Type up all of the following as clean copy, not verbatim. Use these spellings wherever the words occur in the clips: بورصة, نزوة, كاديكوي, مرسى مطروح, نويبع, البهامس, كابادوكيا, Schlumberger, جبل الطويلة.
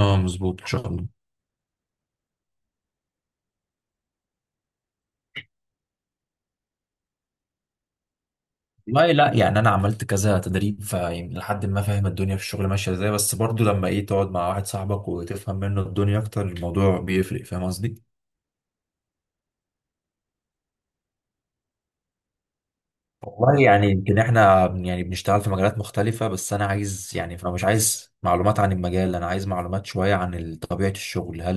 اه، مظبوط. ان شاء الله. والله لا، يعني انا عملت كذا تدريب، فيعني لحد ما فاهم الدنيا في الشغل ماشيه ازاي، بس برضو لما تقعد مع واحد صاحبك وتفهم منه الدنيا اكتر، الموضوع بيفرق. فاهم قصدي؟ والله يعني يمكن احنا يعني بنشتغل في مجالات مختلفه، بس انا عايز، يعني فانا مش عايز معلومات عن المجال، انا عايز معلومات شويه عن طبيعه الشغل. هل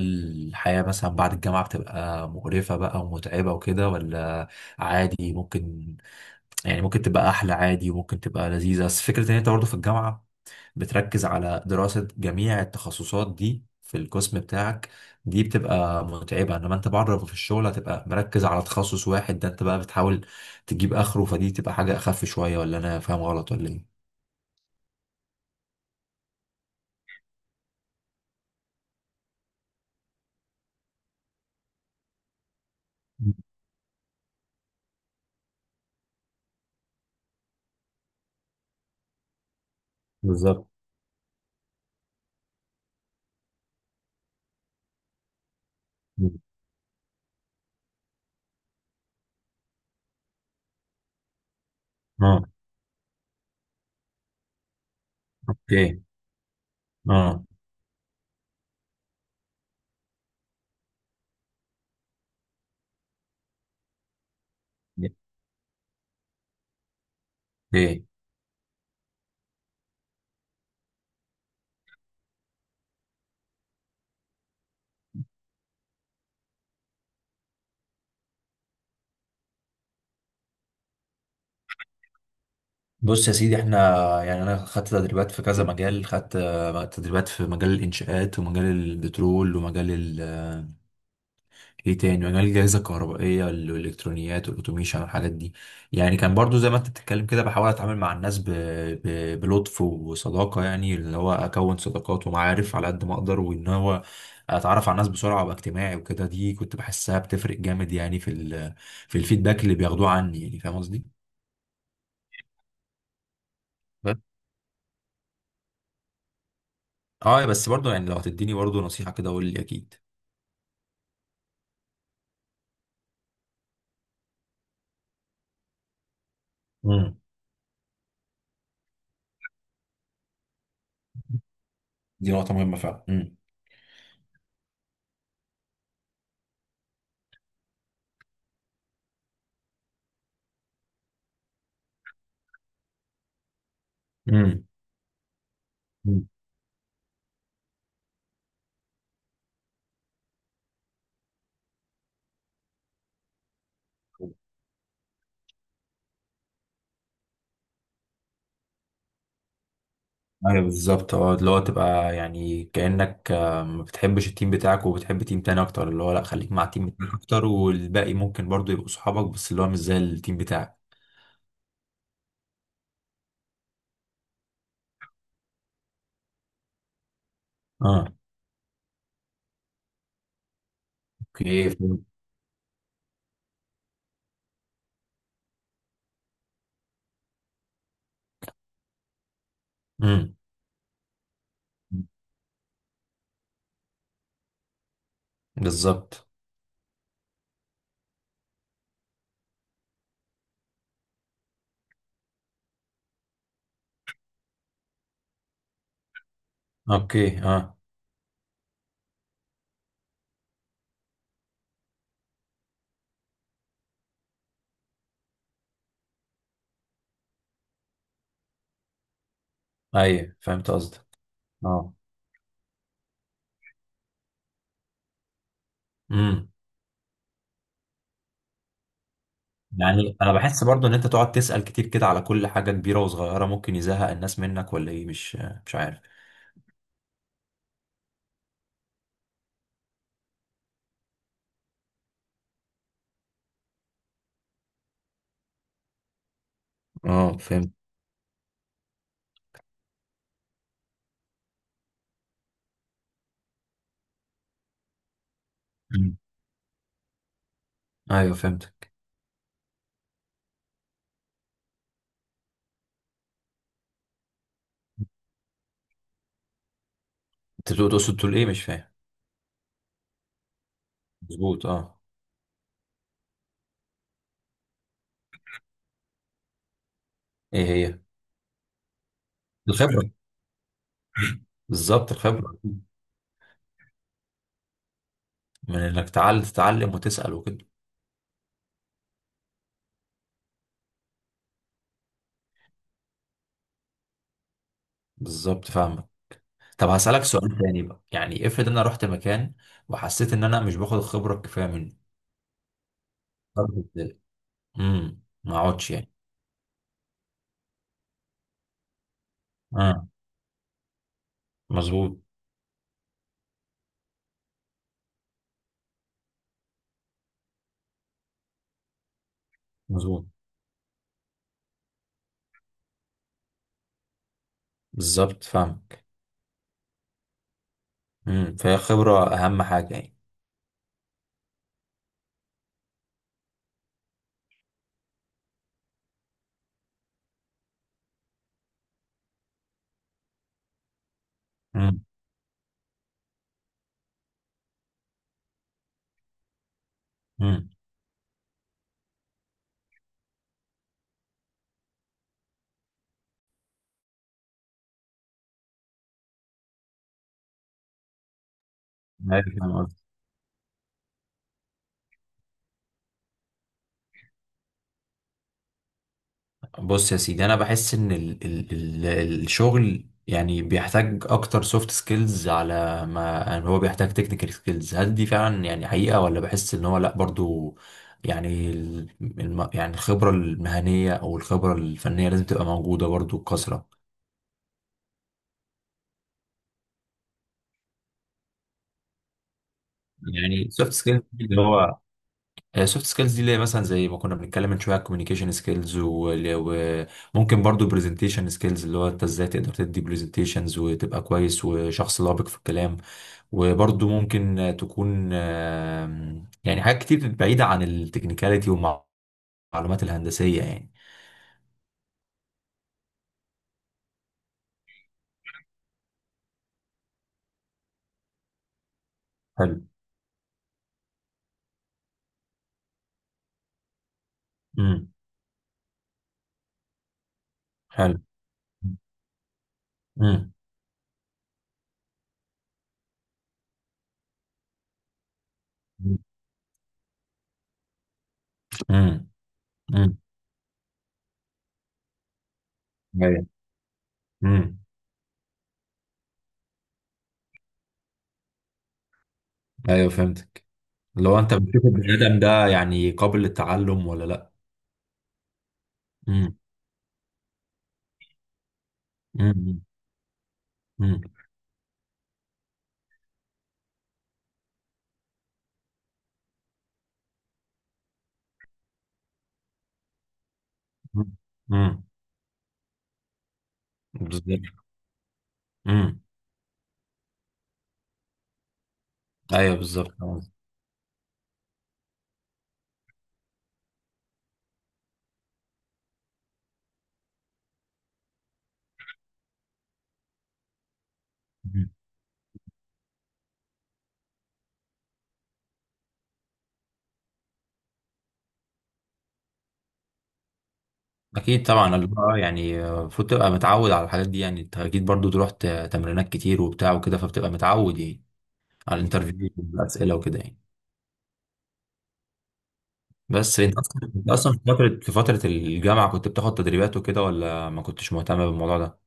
الحياه مثلا بعد الجامعه بتبقى مقرفه بقى ومتعبه وكده، ولا عادي ممكن؟ يعني ممكن تبقى احلى عادي، وممكن تبقى لذيذه. بس فكره ان انت برضه في الجامعه بتركز على دراسة جميع التخصصات دي في القسم بتاعك، دي بتبقى متعبة. انما انت بره في الشغل هتبقى مركز على تخصص واحد، ده انت بقى بتحاول تجيب اخره، فدي تبقى حاجة اخف شوية. ولا انا فاهم غلط؟ ولا ايه؟ بالظبط. اه، اوكي. اه، اوكي. بص يا سيدي، احنا يعني انا خدت تدريبات في كذا مجال، خدت تدريبات في مجال الانشاءات ومجال البترول ومجال ايه تاني، مجال الجهازة الكهربائية والالكترونيات والاوتوميشن والحاجات دي. يعني كان برضو زي ما انت بتتكلم كده بحاول اتعامل مع الناس بلطف وصداقة، يعني اللي هو اكون صداقات ومعارف على قد ما اقدر، وان هو اتعرف على الناس بسرعة وابقى اجتماعي وكده. دي كنت بحسها بتفرق جامد يعني في الفيدباك اللي بياخدوه عني. يعني فاهم قصدي؟ بس اه، بس برضو يعني لو هتديني برضو نصيحة كده، قول لي. اكيد. امم. دي نقطة مهمة فعلا. امم. امم. ايوه بالظبط. اه، اللي هو تبقى يعني كأنك ما بتحبش التيم بتاعك وبتحب تيم تاني اكتر. اللي هو لا، خليك مع التيم بتاعك اكتر، والباقي ممكن برضو يبقوا صحابك بس اللي هو مش زي التيم بتاعك. اه، اوكي فهمت. امم. بالظبط. اوكي. اه. ايوه فهمت قصدك. اه. امم. يعني انا بحس برضو ان انت تقعد تسأل كتير كده على كل حاجة كبيرة وصغيرة، ممكن يزهق الناس منك ولا ايه؟ مش عارف. اه، فهمت. مم. ايوه فهمتك. انت تقصد تقول ايه؟ مش فاهم. مظبوط. اه. ايه هي؟ الخبرة. بالظبط الخبرة. من انك تعال تتعلم وتسأل وكده. بالظبط فاهمك. طب هسألك سؤال تاني بقى، يعني افرض انا رحت مكان وحسيت ان انا مش باخد الخبرة الكفاية منه، أرجع إزاي؟ امم، ما اقعدش يعني؟ اه، مظبوط. مظبوط. بالظبط فاهمك. امم. فهي خبرة اهم حاجة يعني. امم. امم. بص يا سيدي، انا بحس ان ال ال ال الشغل يعني بيحتاج اكتر سوفت سكيلز على ما، يعني هو بيحتاج تكنيكال سكيلز، هل دي فعلا يعني حقيقة، ولا بحس ان هو لا برضو، يعني ال- الم يعني الخبرة المهنية او الخبرة الفنية لازم تبقى موجودة برضو بكثرة. يعني سوفت سكيلز، اللي هو السوفت سكيلز دي اللي هي مثلا زي ما كنا بنتكلم من شويه، كوميونيكيشن سكيلز، وممكن برضو برزنتيشن سكيلز، اللي هو انت ازاي تقدر تدي برزنتيشنز وتبقى كويس وشخص لبق في الكلام. وبرضو ممكن تكون يعني حاجات كتير بعيدة عن التكنيكاليتي والمعلومات الهندسية يعني. حلو. امم. حلو. امم. امم. امم. ايوه. امم. ايوه فهمتك. لو انت بتشوف البني ادم ده يعني قابل للتعلم ولا لا؟ امم. امم. امم. امم. بالظبط. امم. ايوه بالظبط فاهم قصدي. مم. اكيد طبعا، اللي هو يعني المفروض تبقى متعود على الحاجات دي، يعني انت اكيد برضو تروح تمرينات كتير وبتاع وكده، فبتبقى متعود يعني، على الانترفيو والاسئله وكده يعني. بس انت اصلا انت اصلا في فتره الجامعه كنت بتاخد تدريبات وكده، ولا ما كنتش مهتم بالموضوع ده؟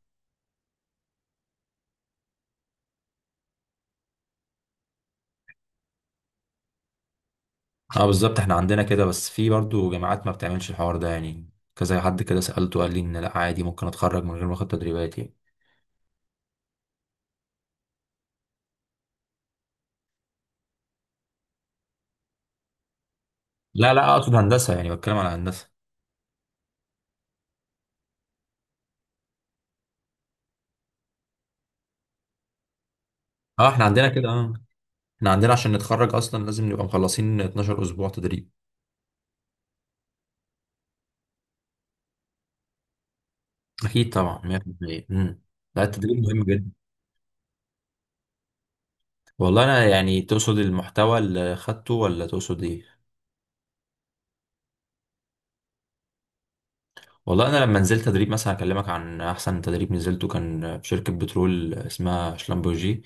اه بالظبط، احنا عندنا كده، بس في برضو جامعات ما بتعملش الحوار ده يعني. كذا حد كده سالته قال لي ان لا، عادي ممكن اتخرج من غير ما اخد تدريبات يعني. لا لا، اقصد هندسه، يعني بتكلم على هندسه. اه، احنا عندنا كده. اه. احنا عندنا عشان نتخرج اصلا لازم نبقى مخلصين 12 اسبوع تدريب. اكيد طبعا 100%. امم. لا، التدريب مهم جدا. والله انا يعني، تقصد المحتوى اللي خدته ولا تقصد ايه؟ والله انا لما نزلت تدريب، مثلا اكلمك عن احسن تدريب نزلته، كان في شركه بترول اسمها شلمبورجي.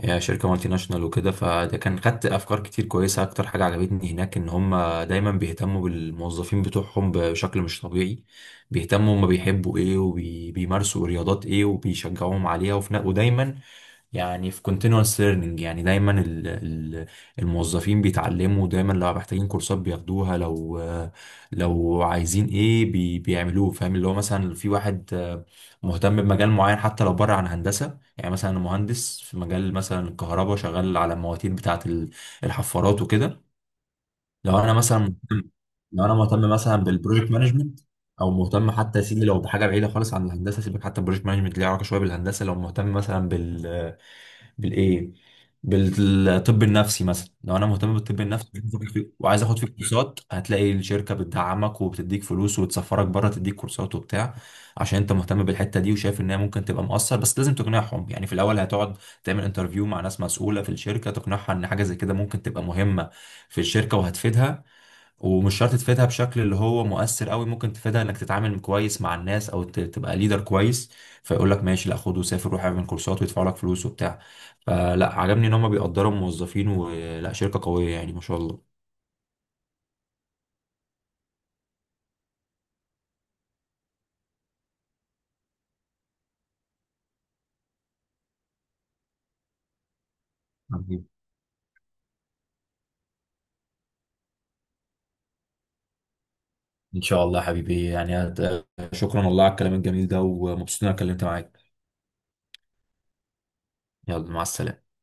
هي شركه مالتي ناشونال وكده، فده كان خدت افكار كتير كويسه. اكتر حاجه عجبتني هناك ان هم دايما بيهتموا بالموظفين بتوعهم بشكل مش طبيعي. بيهتموا هم بيحبوا ايه وبيمارسوا رياضات ايه وبيشجعوهم عليها، وفي ودايما يعني في continuous learning، يعني دايما الموظفين بيتعلموا دايما. لو محتاجين كورسات بياخدوها، لو عايزين ايه بيعملوه، فاهم؟ اللي هو مثلا في واحد مهتم بمجال معين حتى لو بره عن هندسة. يعني مثلا أنا مهندس في مجال مثلا الكهرباء، شغال على المواتير بتاعة الحفارات وكده. لو انا مثلا مهتم لو انا مهتم مثلا بالبروجكت مانجمنت، او مهتم حتى يا سيدي لو بحاجه بعيده خالص عن الهندسه، سيبك، حتى البروجكت مانجمنت ليه علاقه شويه بالهندسه. لو مهتم مثلا بالايه بالطب النفسي مثلا، لو انا مهتم بالطب النفسي وعايز آخد فيه كورسات، هتلاقي الشركه بتدعمك وبتديك فلوس وتسفرك بره تديك كورسات وبتاع، عشان انت مهتم بالحته دي وشايف ان هي ممكن تبقى مؤثر. بس لازم تقنعهم، يعني في الاول هتقعد تعمل انترفيو مع ناس مسؤوله في الشركه، تقنعها ان حاجه زي كده ممكن تبقى مهمه في الشركه وهتفيدها. ومش شرط تفيدها بشكل اللي هو مؤثر قوي، ممكن تفيدها انك تتعامل كويس مع الناس او تبقى ليدر كويس. فيقول لك ماشي، لا خد وسافر، روح اعمل كورسات ويدفعوا لك فلوس وبتاع. فلا، عجبني ان هم بيقدروا الموظفين، ولا شركة قوية يعني ما شاء الله. حبيبي. ان شاء الله حبيبي يعني شكرا والله على الكلام الجميل ده، ومبسوط ان انا اتكلمت معاك. يلا، مع السلامة.